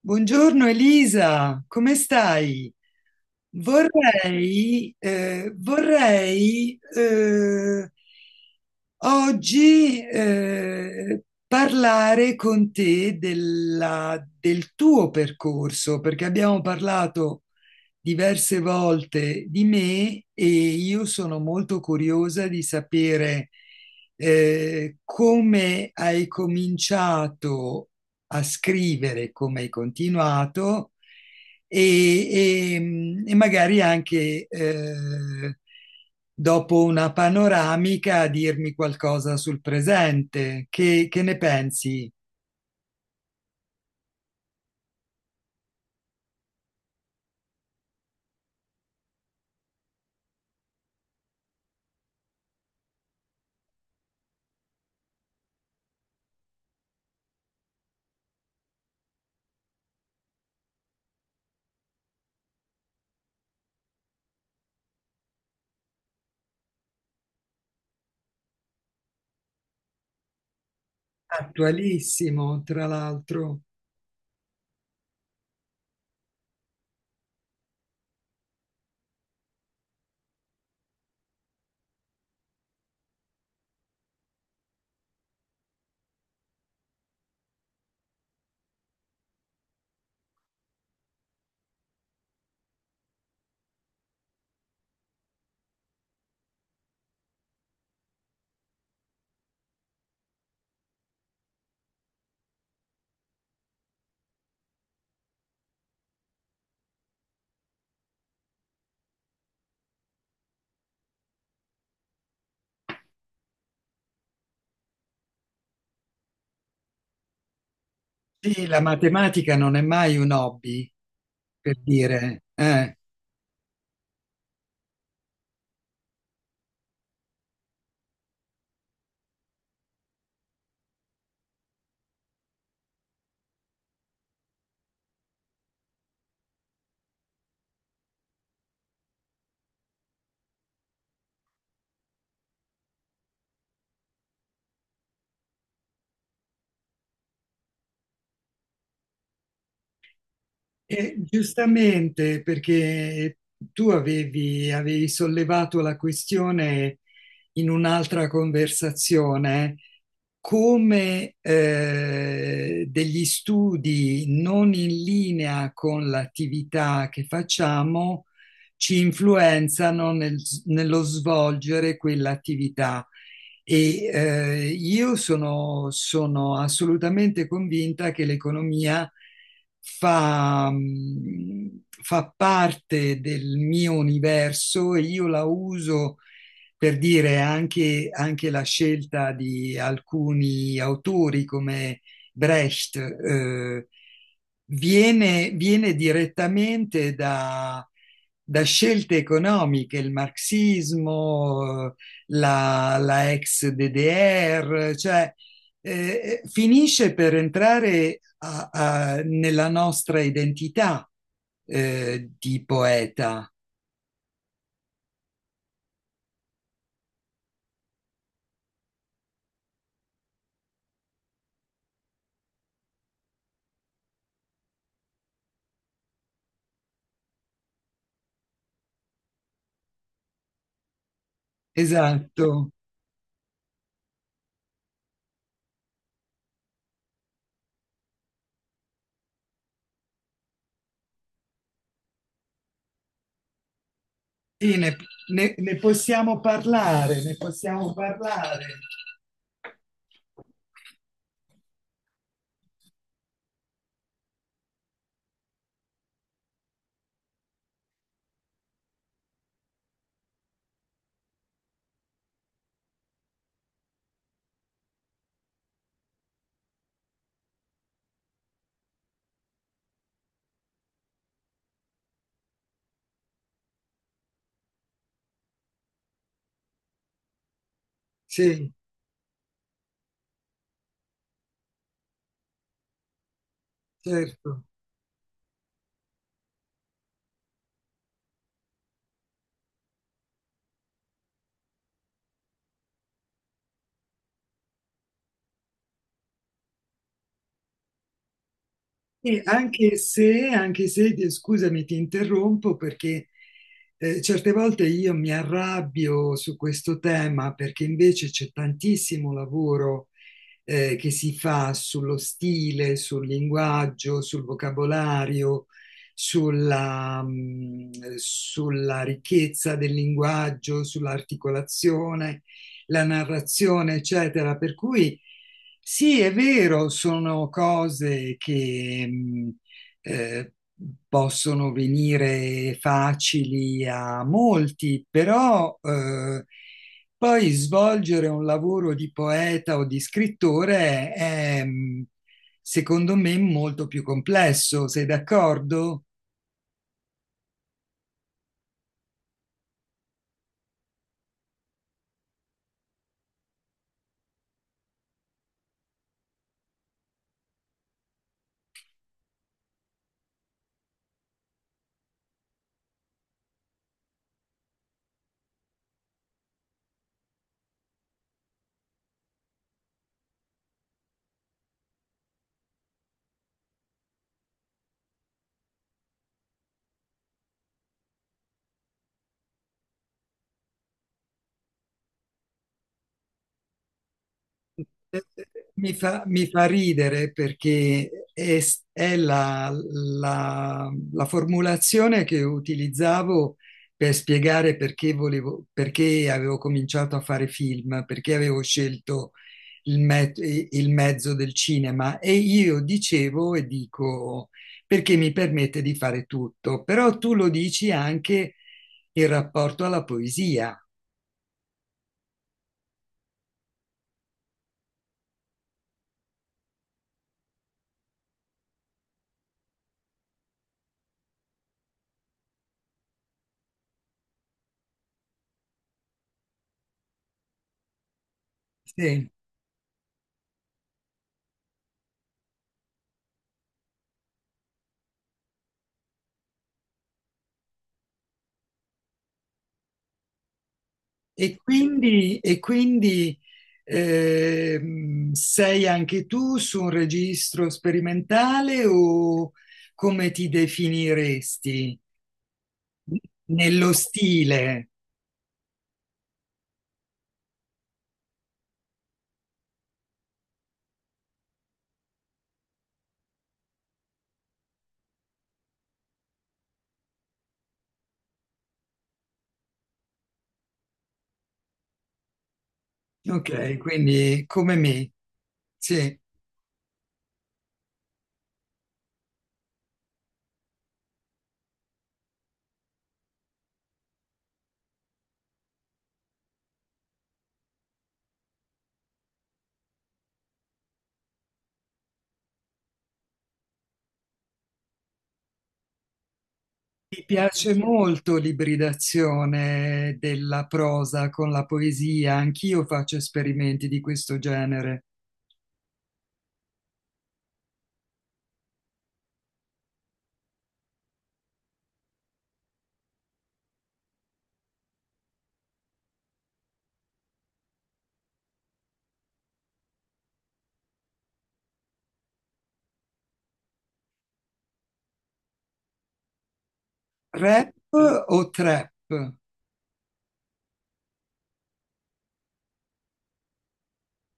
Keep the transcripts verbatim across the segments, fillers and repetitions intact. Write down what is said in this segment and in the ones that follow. Buongiorno Elisa, come stai? Vorrei, eh, vorrei eh, oggi eh, parlare con te della- del tuo percorso, perché abbiamo parlato diverse volte di me e io sono molto curiosa di sapere eh, come hai cominciato a scrivere come hai continuato e, e- e magari anche eh, dopo una panoramica a dirmi qualcosa sul presente. Che, che ne pensi? Attualissimo, tra l'altro. Sì, la matematica non è mai un hobby, per dire. eh. Eh, giustamente, perché tu avevi, avevi sollevato la questione in un'altra conversazione, come eh, degli studi non in linea con l'attività che facciamo ci influenzano nel- nello svolgere quell'attività. E eh, io sono, sono assolutamente convinta che l'economia fa, mh, fa parte del mio universo e io la uso per dire anche, anche la scelta di alcuni autori come Brecht, eh, viene, viene direttamente da, da scelte economiche, il marxismo, la, la ex D D R, cioè eh, eh, finisce per entrare a, a, nella nostra identità eh, di poeta. Esatto. Sì, ne, ne, ne possiamo parlare, ne possiamo parlare. Sì, certo. Sì, anche se, anche se, ti- scusami, ti interrompo perché eh, certe volte io mi arrabbio su questo tema perché invece c'è tantissimo lavoro eh, che si fa sullo stile, sul linguaggio, sul vocabolario, sulla, mh, sulla ricchezza del linguaggio, sull'articolazione, la narrazione, eccetera. Per cui sì, è vero, sono cose che... mh, eh, possono venire facili a molti, però eh, poi svolgere un lavoro di poeta o di scrittore è, mh, secondo me, molto più complesso. Sei d'accordo? Mi fa, mi fa ridere perché è, è la, la- la formulazione che utilizzavo per spiegare perché volevo, perché avevo cominciato a fare film, perché avevo scelto il, me- il mezzo del cinema e io dicevo e dico perché mi permette di fare tutto, però tu lo dici anche in rapporto alla poesia. Sì. E quindi, e quindi ehm, sei anche tu su un registro sperimentale o come ti definiresti? Nello stile, ok, quindi come me, sì. Mi piace molto l'ibridazione della prosa con la poesia, anch'io faccio esperimenti di questo genere. Rap o trap?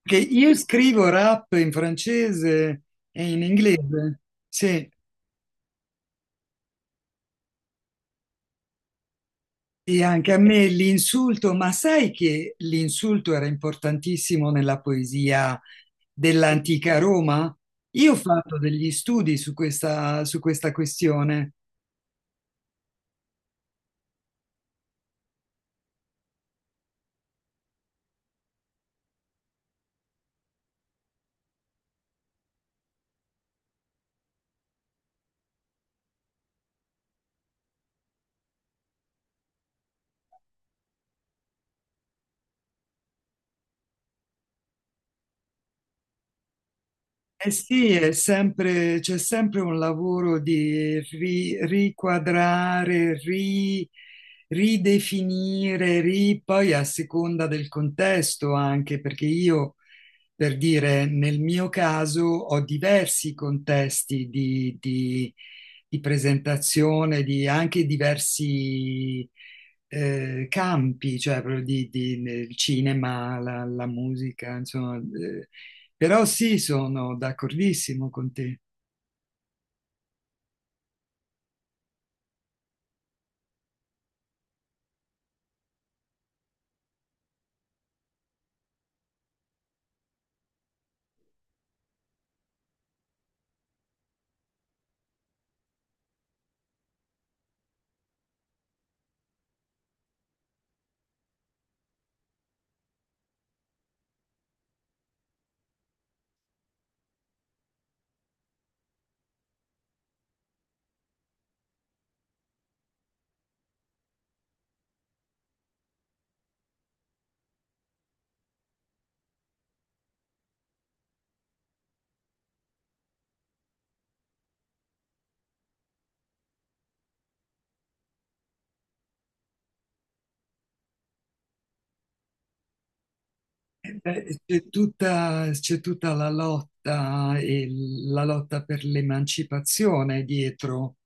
Che io scrivo rap in francese e in inglese, sì, e anche a me l'insulto, ma sai che l'insulto era importantissimo nella poesia dell'antica Roma? Io ho fatto degli studi su questa, su questa questione. Eh sì, è sempre- c'è sempre un lavoro di ri- riquadrare, ri- ridefinire, ri- poi a seconda del contesto anche, perché io per dire, nel mio caso ho diversi contesti di, di- di presentazione, di anche diversi eh, campi, cioè proprio di, di- nel cinema, la, la musica, insomma. eh, però sì, sono d'accordissimo con te. Eh, beh, c'è tutta, c'è tutta la lotta e la lotta per l'emancipazione dietro.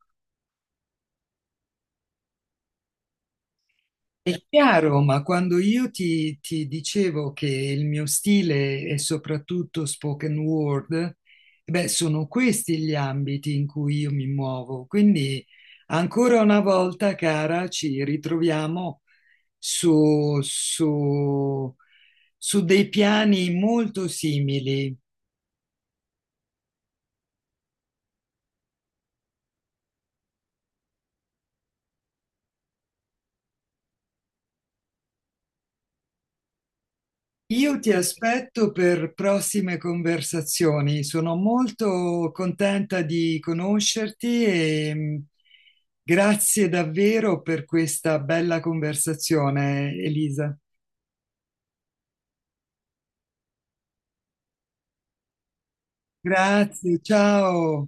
È chiaro, ma quando io ti, ti dicevo che il mio stile è soprattutto spoken word, beh, sono questi gli ambiti in cui io mi muovo. Quindi, ancora una volta, cara, ci ritroviamo su, su su dei piani molto simili. Io ti aspetto per prossime conversazioni. Sono molto contenta di conoscerti e mh, grazie davvero per questa bella conversazione, Elisa. Grazie, ciao.